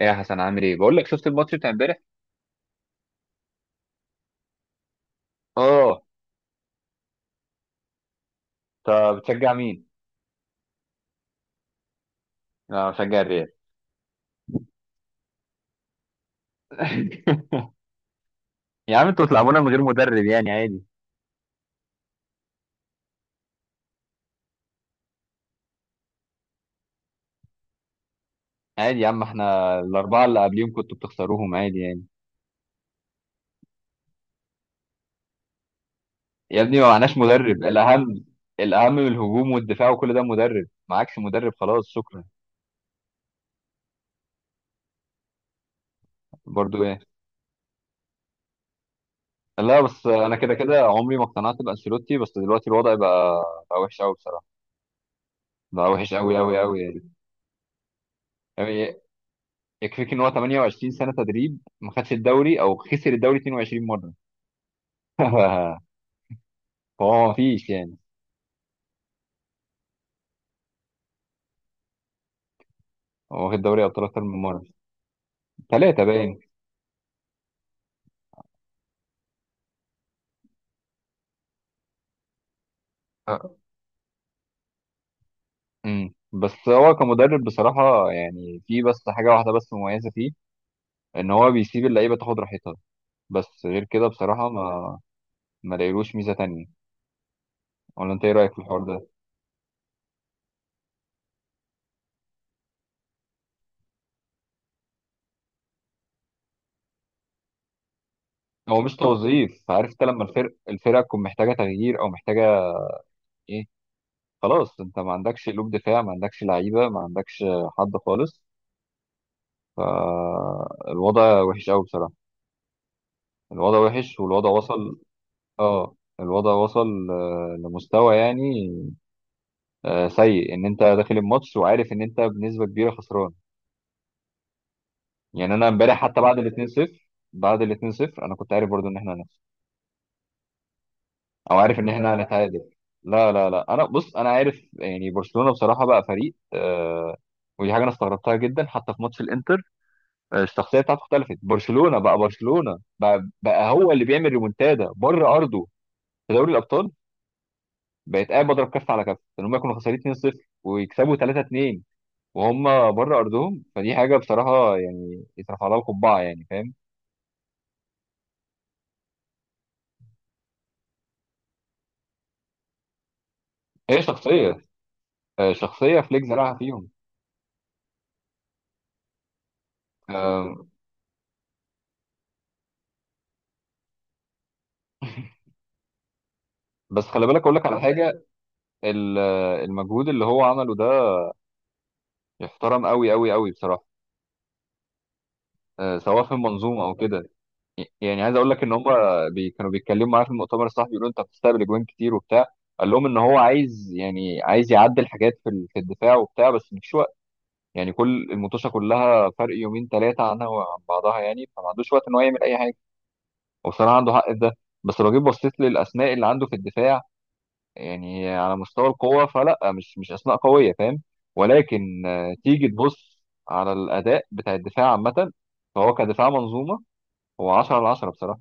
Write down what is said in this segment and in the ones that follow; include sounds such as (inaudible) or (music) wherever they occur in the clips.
ايه يا حسن، عامل ايه؟ بقول لك، شفت الماتش بتاع امبارح؟ اه. طب بتشجع مين؟ انا بشجع الريال. (laughs) يا عم انتوا بتلعبونا من غير مدرب يعني عادي. عادي يا عم، احنا الاربعه اللي قبليهم كنتوا بتخسروهم عادي يعني. يا ابني ما معناش مدرب، الاهم الاهم من الهجوم والدفاع وكل ده مدرب، معكش مدرب خلاص شكرا. برضو ايه؟ لا بس انا كده كده عمري ما اقتنعت بانشيلوتي، بس دلوقتي الوضع بقى، بقى وحش قوي بصراحه، بقى وحش قوي قوي قوي يعني. يعني يكفيك ان هو 28 سنه تدريب ما خدش الدوري او خسر الدوري 22 مره. (laughs) هو ما فيش يعني. هو واخد دوري ابطال اكتر من مره، ثلاثه باين. آه. بس هو كمدرب بصراحه يعني في بس حاجه واحده بس مميزه فيه، ان هو بيسيب اللعيبه تاخد راحتها. بس غير كده بصراحه ما لاقيلوش ميزه تانية. ولا انت ايه رايك في الحوار ده؟ هو مش توظيف، عارف انت لما الفرقه تكون محتاجه تغيير او محتاجه ايه، خلاص انت ما عندكش قلوب دفاع، ما عندكش لعيبه، ما عندكش حد خالص، فالوضع وحش قوي بصراحه. الوضع وحش والوضع وصل، اه الوضع وصل لمستوى يعني سيء، ان انت داخل الماتش وعارف ان انت بنسبه كبيره خسران. يعني انا امبارح حتى بعد ال 2-0، بعد ال 2-0 انا كنت عارف برضو ان احنا هنخسر او عارف ان احنا هنتعادل. لا لا لا، انا بص، انا عارف يعني برشلونه بصراحه بقى فريق ودي حاجه انا استغربتها جدا حتى في ماتش الانتر. الشخصيه بتاعته اختلفت، برشلونه بقى, بقى هو اللي بيعمل ريمونتادا بره ارضه في دوري الابطال. بقيت قاعد بضرب كف على كف، ان هم كانوا خسرانين 2-0 ويكسبوا 3-2 وهم بره ارضهم. فدي حاجه بصراحه يعني يترفع لها القبعه يعني، فاهم؟ هي شخصيه، شخصيه فليك زرعها فيهم. آم، بس خلي بالك اقول لك على حاجه. المجهود اللي هو عمله ده يحترم قوي قوي قوي بصراحه، سواء في المنظومه او كده. يعني عايز اقول لك ان هم كانوا بيتكلموا معاه في المؤتمر الصحفي بيقولوا انت بتستقبل اجوان كتير وبتاع، قال لهم ان هو عايز عايز يعدل حاجات في الدفاع وبتاع، بس مش يعني كل المطوشه كلها فرق يومين ثلاثه عنها وعن بعضها يعني، فما عندوش وقت ان هو يعمل اي حاجه. وبصراحه عنده حق في ده. بس لو جيت بصيت للاسماء اللي عنده في الدفاع، يعني على مستوى القوه فلا، مش اسماء قويه فاهم؟ ولكن تيجي تبص على الاداء بتاع الدفاع عامه، فهو كدفاع منظومه هو 10 على 10 بصراحه.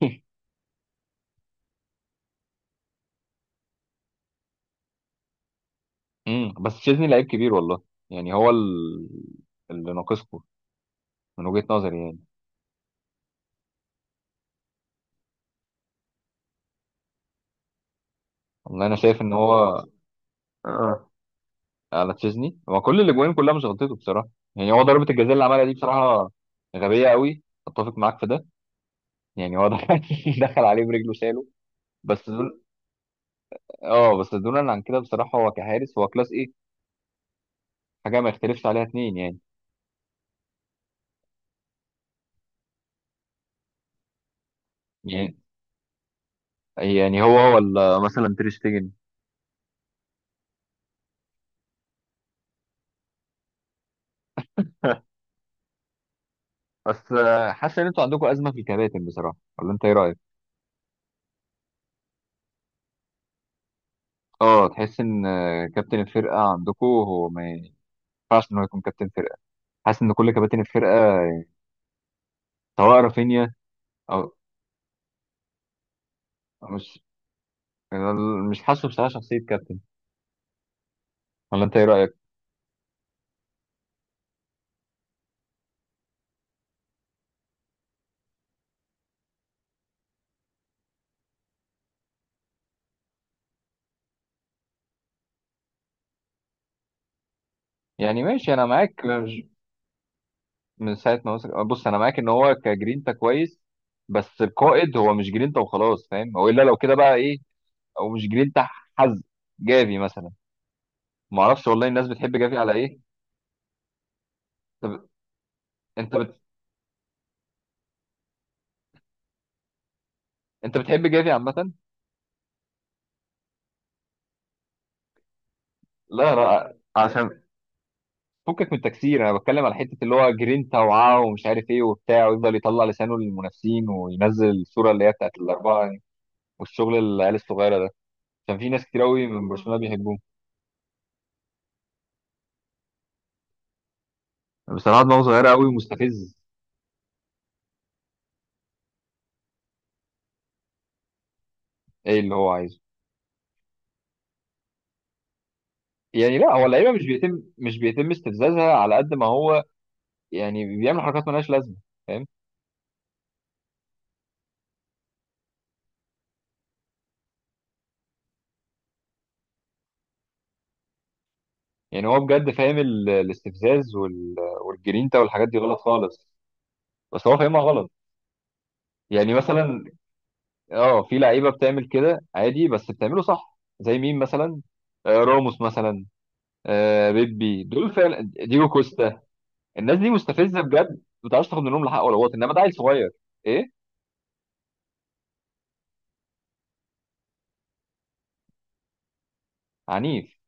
(laughs) بس تشيزني لعيب كبير والله. يعني هو اللي ناقصكم، من وجهة نظري يعني. والله انا شايف ان هو، على تشيزني هو، كل الاجوان كلها مش غلطته بصراحه. يعني هو ضربه الجزاء اللي عملها دي بصراحه غبيه قوي، اتفق معاك في ده. يعني هو دخل (laughs) دخل عليه برجله شاله. بس دول، اه بس دون عن كده بصراحه هو كحارس هو كلاس ايه، حاجه ما يختلفش عليها اتنين يعني. يعني يعني هو ولا مثلا تير شتيجن. بس حاسس ان انتوا عندكم ازمه في الكباتن بصراحه، ولا انت ايه رايك؟ اه تحس ان، كابتن الفرقه عندكم هو ما ينفعش ان هو يكون كابتن فرقه. حاسس ان كل كباتن الفرقه، سواء رافينيا او مش، انا مش حاسه بصراحه شخصيه كابتن، ولا انت ايه رايك؟ يعني ماشي انا معاك، من ساعه ما وصل، بص انا معاك ان هو كجرينتا كويس، بس القائد هو مش جرينتا وخلاص فاهم، هو الا لو كده بقى ايه، او مش جرينتا، حز جافي مثلا. ما اعرفش والله الناس بتحب جافي على ايه. طب انت انت بتحب جافي عامه؟ لا لا، عشان، فكك من التكسير، انا بتكلم على حته اللي هو جرينتا وعاه ومش عارف ايه وبتاع، ويفضل يطلع لسانه للمنافسين وينزل الصوره اللي هي بتاعت الاربعه يعني، والشغل العيال الصغيره ده. كان في ناس كتير قوي من برشلونه بيحبوه، بصراحه دماغه صغيره قوي ومستفز. ايه اللي هو عايزه؟ يعني لا هو اللعيبه مش بيتم استفزازها على قد ما هو، يعني بيعمل حركات مالهاش لازمه، فاهم؟ يعني هو بجد فاهم الاستفزاز والجرينتا والحاجات دي غلط خالص، بس هو فاهمها غلط. يعني مثلا، اه، في لعيبه بتعمل كده عادي بس بتعمله صح، زي مين مثلا؟ راموس مثلا، بيبي، دول فعلا، ديجو كوستا، الناس دي مستفزه بجد، ما بتعرفش تاخد منهم الحق ولا غلط، انما ده عيل صغير ايه، عنيف.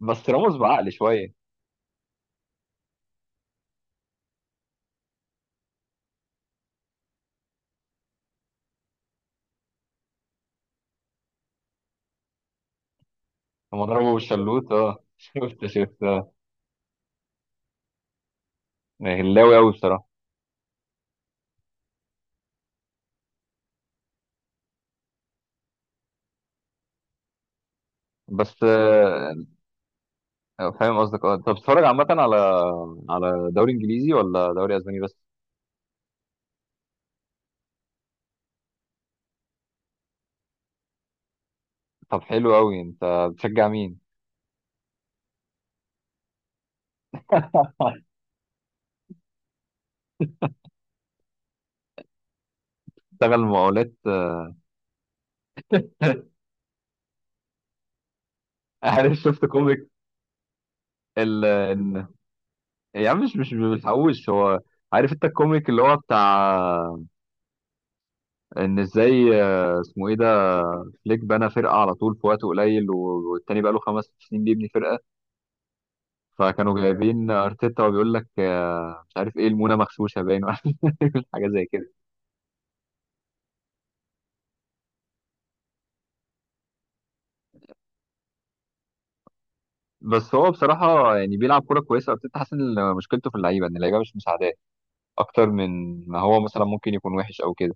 بس راموس بعقل شويه. لما ضربه بالشلوت اه (laughs) شفت شفت آه. هلاوي قوي بصراحه. بس فاهم قصدك، اه. انت بتتفرج عامه على دوري انجليزي ولا دوري اسباني بس؟ طب حلو قوي. انت بتشجع مين؟ (laughs) اشتغل مقاولات. عارف شفت كوميك ال إن- يا عم مش بيتحوش هو. عارف انت الكوميك اللي هو بتاع ان ازاي، اسمه ايه ده، فليك بنى فرقه على طول في وقت قليل والتاني بقى له 5 سنين بيبني فرقه. فكانوا جايبين ارتيتا وبيقول لك مش عارف ايه المونه مغشوشه باين (laughs) ولا حاجه زي كده. بس هو بصراحه يعني بيلعب كوره كويسه ارتيتا، حاسس ان مشكلته في اللعيبه، ان اللعيبه مش مساعداه اكتر من ما هو مثلا ممكن يكون وحش او كده.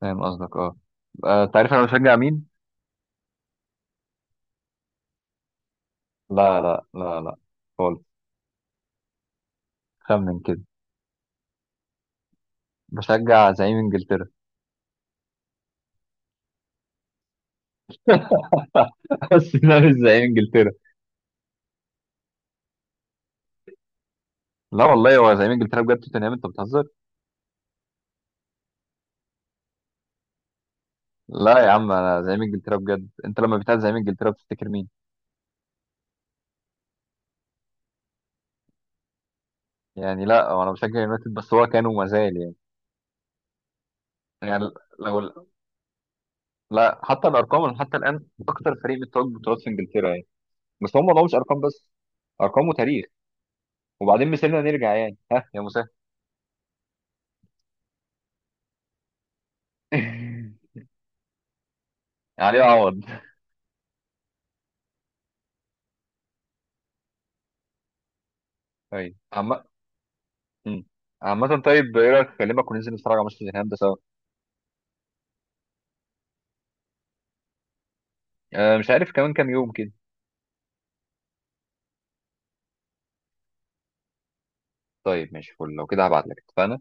فاهم قصدك، اه. انت عارف انا بشجع مين؟ لا لا لا لا، خالص. خمن كده. بشجع زعيم انجلترا. (laughs) بس ده مش زعيم انجلترا. لا والله هو زعيم انجلترا بجد، توتنهام؟ انت بتهزر؟ لا يا عم، انا زعيم انجلترا بجد. انت لما بتاع زعيم انجلترا بتفتكر مين؟ يعني لا هو، انا بشجع يونايتد، بس هو كان وما زال يعني. يعني لو، لا حتى الارقام، أنا حتى الان اكتر فريق بتوج بطولات في انجلترا يعني. بس هم، ما مش ارقام بس، ارقام وتاريخ. وبعدين مثلنا نرجع يعني، ها يا مسهل. (laughs) عليه عوض. طيب عم... مم. عامة، طيب ايه رايك اكلمك وننزل نتفرج على ماتش توتنهام ده سوا؟ آه مش عارف، كمان كام يوم كده. طيب ماشي فل، لو كده هبعت لك، اتفقنا.